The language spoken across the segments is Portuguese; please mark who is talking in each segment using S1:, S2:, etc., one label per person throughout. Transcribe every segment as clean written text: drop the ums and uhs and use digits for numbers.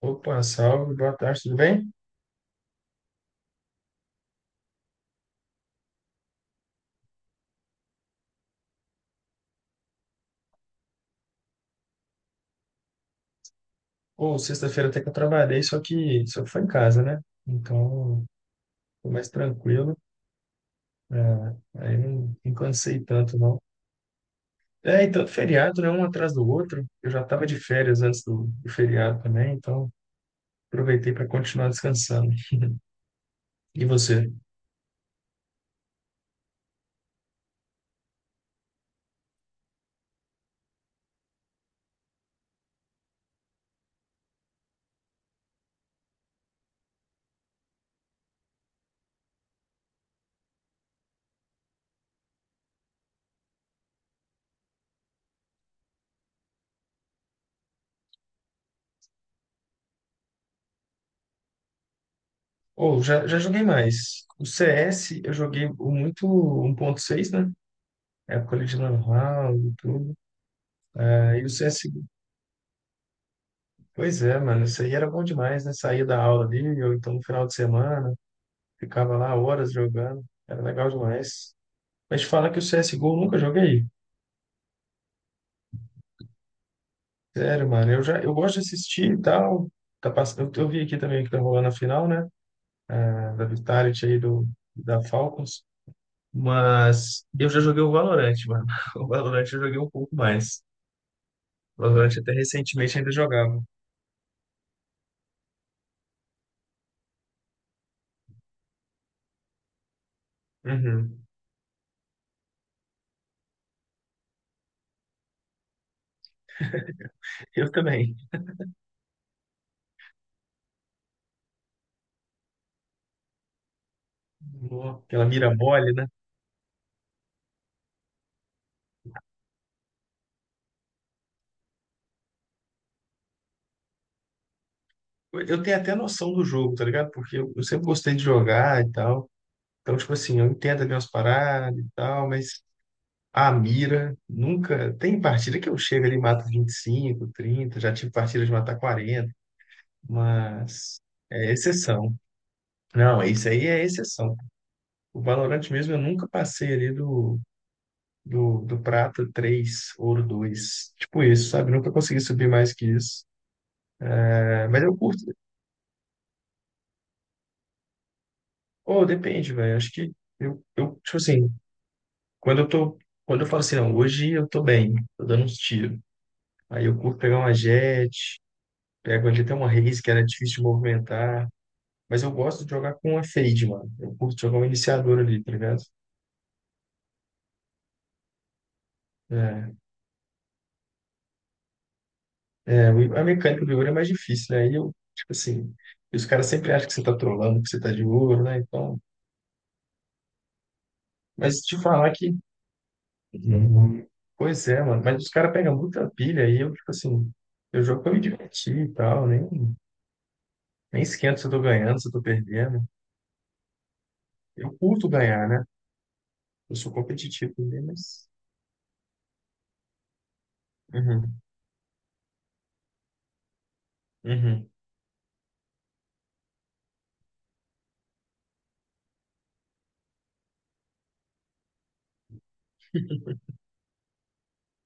S1: Opa, salve, boa tarde, tudo bem? Ou sexta-feira até que eu trabalhei, só que foi em casa, né? Então, foi mais tranquilo. É, aí não, não cansei tanto, não. É, e tanto feriado, né? Um atrás do outro. Eu já estava de férias antes do feriado também, então aproveitei para continuar descansando. E você? Ou já joguei mais. O CS eu joguei o muito 1.6, né? Época ali de Lan House e tudo. Aí o CSGO. Pois é, mano, isso aí era bom demais, né? Saía da aula ali, ou então no final de semana, ficava lá horas jogando, era legal demais. Mas te falar que o CSGO eu nunca joguei. Sério, mano, eu gosto de assistir e tal. Eu vi aqui também que tá rolando a final, né? Da Vitality aí da Falcons. Mas eu já joguei o Valorant, mano. O Valorant eu joguei um pouco mais. O Valorant até recentemente ainda jogava. Uhum. Eu também. Nó, aquela mira mole, né? Eu tenho até noção do jogo, tá ligado? Porque eu sempre gostei de jogar e tal. Então, tipo assim, eu entendo ali umas paradas e tal, mas a mira nunca. Tem partida que eu chego ali e mato 25, 30, já tive partida de matar 40, mas é exceção. Não, isso aí é exceção. O Valorant mesmo eu nunca passei ali do prata 3 ouro dois. Tipo isso, sabe? Nunca consegui subir mais que isso. É, mas eu curto. Ou depende, velho. Acho que tipo assim. Quando eu tô, quando eu falo assim, não, hoje eu tô bem, tô dando uns tiros. Aí eu curto pegar uma jet, pego ali até uma race que era difícil de movimentar, mas eu gosto de jogar com uma fade, mano. Eu curto jogar um iniciador ali, tá ligado? É, a mecânica do ouro é mais difícil, né? E eu, tipo assim, os caras sempre acham que você tá trolando, que você tá de ouro, né? Então, mas te falar que. Uhum. Pois é, mano, mas os caras pegam muita pilha e eu, tipo assim, eu jogo pra me divertir e tal, nem esquento se eu tô ganhando, se eu tô perdendo. Eu curto ganhar, né? Eu sou competitivo também, mas. Uhum, uhum.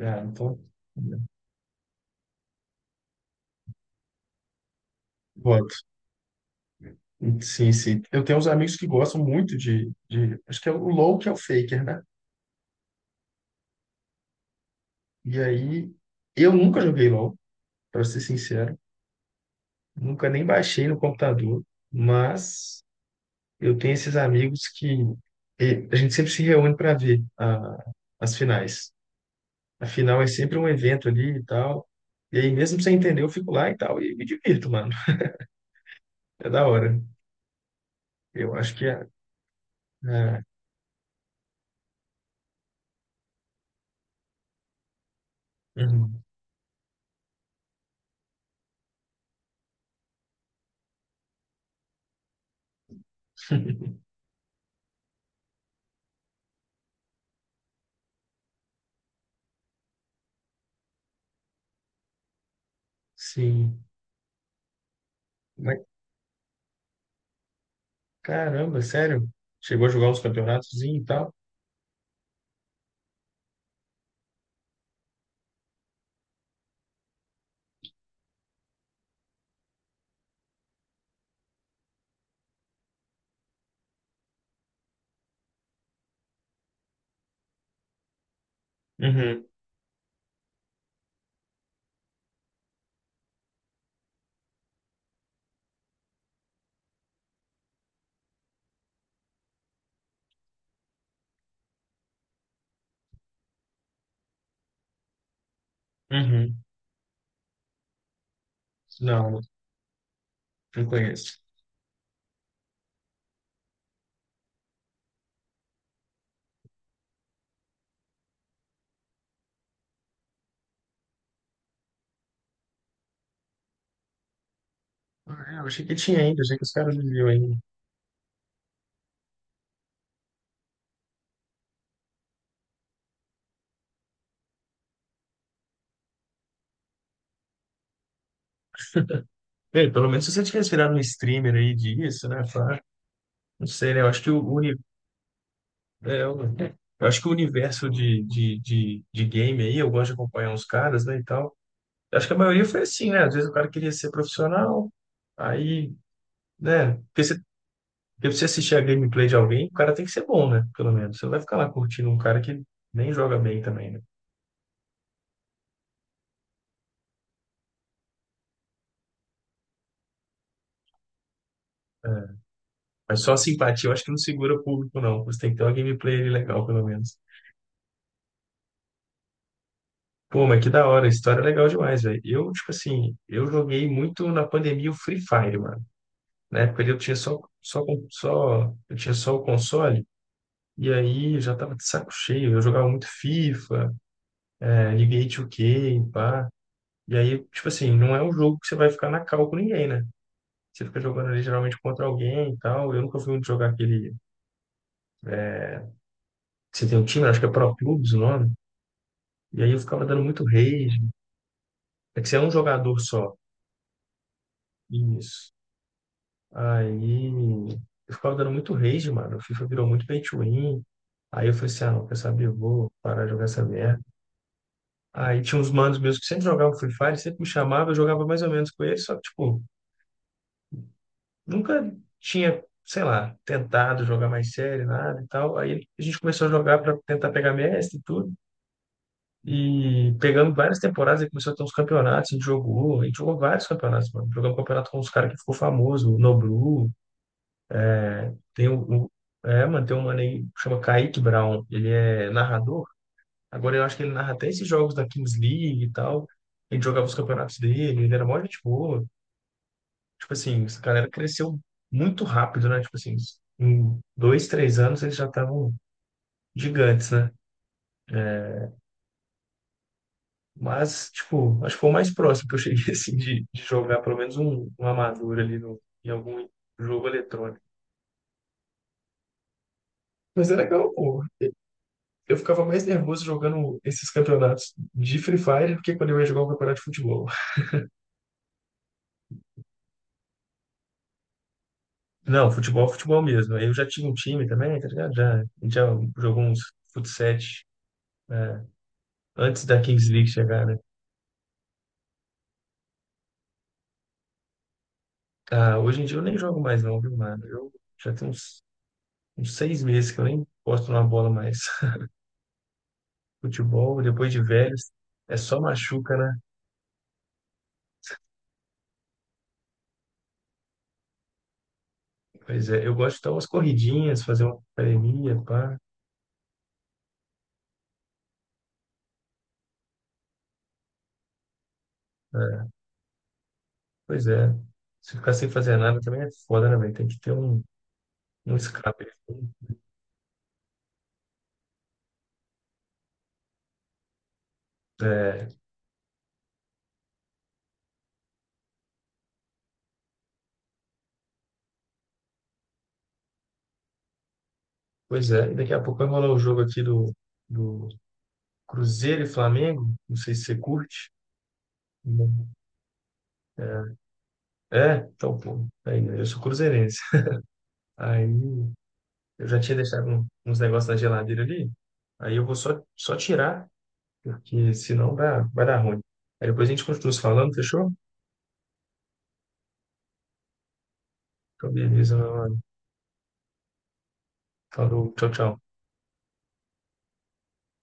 S1: Ah, então. Voto. Sim, sim. Eu tenho uns amigos que gostam muito de. Acho que é o LoL que é o Faker, né? E aí. Eu nunca joguei LoL, para ser sincero. Nunca nem baixei no computador. Mas eu tenho esses amigos que. E a gente sempre se reúne para ver as finais. A final é sempre um evento ali e tal. E aí, mesmo sem entender, eu fico lá e tal, e me divirto, mano. É da hora. Eu acho que é. É, uhum. Sim. Mas caramba, sério? Chegou a jogar uns campeonatos e tal? Uhum. Uhum. Não, não conheço. Ah, é, eu achei que tinha ainda, achei que os caras viviam ainda. Ei, pelo menos se você tivesse virado um streamer aí disso, né? Pá, não sei, né? Eu acho que o, uni- é, o- eu acho que o universo de game aí, eu gosto de acompanhar uns caras, né, e tal. Eu acho que a maioria foi assim, né? Às vezes o cara queria ser profissional, aí, né? Porque pra você assistir a gameplay de alguém, o cara tem que ser bom, né? Pelo menos. Você não vai ficar lá curtindo um cara que nem joga bem também, né? É. Mas só a simpatia eu acho que não segura público, não. Você tem que ter uma gameplay ali legal, pelo menos. Pô, mas que da hora, a história é legal demais, velho. Eu, tipo assim, eu joguei muito na pandemia o Free Fire, mano. Na época ali eu tinha eu tinha só o console, e aí eu já tava de saco cheio. Eu jogava muito FIFA, NBA 2K, pá. E aí, tipo assim, não é um jogo que você vai ficar na cal com ninguém, né? Você fica jogando ali geralmente contra alguém e tal. Eu nunca fui muito jogar aquele. Você tem um time, acho que é Pro Clubs o nome. E aí eu ficava dando muito rage. É que você é um jogador só. Isso. Aí eu ficava dando muito rage, mano. O FIFA virou muito pay to win. Aí eu falei assim, ah, não, quer saber? Eu vou parar de jogar essa merda. Aí tinha uns manos meus que sempre jogavam Free Fire, sempre me chamavam, eu jogava mais ou menos com eles, só que, tipo, nunca tinha, sei lá, tentado jogar mais sério, nada e tal. Aí a gente começou a jogar para tentar pegar mestre e tudo. E pegando várias temporadas, ele começou a ter uns campeonatos, a gente jogou vários campeonatos, mano. Jogamos campeonato com uns caras que ficou famoso, o Noblu, tem o, o- é, mano, tem um mano aí que chama Kaique Brown, ele é narrador. Agora eu acho que ele narra até esses jogos da Kings League e tal. A gente jogava os campeonatos dele, ele era mó gente boa. Tipo assim, essa galera cresceu muito rápido, né? Tipo assim, em 2, 3 anos eles já estavam gigantes, né? Mas, tipo, acho que foi o mais próximo que eu cheguei, assim, de jogar pelo menos um amador ali no, em algum jogo eletrônico. Mas é legal, pô. Eu ficava mais nervoso jogando esses campeonatos de Free Fire do que quando eu ia jogar um campeonato de futebol. Não, futebol, futebol mesmo. Eu já tinha um time também, tá ligado? Já, a gente já jogou uns fut né, antes da Kings League chegar, né? Ah, hoje em dia eu nem jogo mais não, viu, mano? Eu já tenho uns 6 meses que eu nem posto na bola mais. Futebol, depois de velhos, é só machuca, né? Pois é, eu gosto de dar umas corridinhas, fazer uma academia, pá. É, pois é. Se ficar sem fazer nada também é foda, né, velho? Tem que ter um escape. É, pois é, e daqui a pouco vai rolar o jogo aqui do Cruzeiro e Flamengo. Não sei se você curte. Não. É, então, pô, aí, né? Eu sou cruzeirense. Aí eu já tinha deixado uns negócios na geladeira ali. Aí eu vou só tirar porque senão vai dar ruim. Aí depois a gente continua se falando, fechou? Então, beleza, meu mano. Falou, tchau, tchau.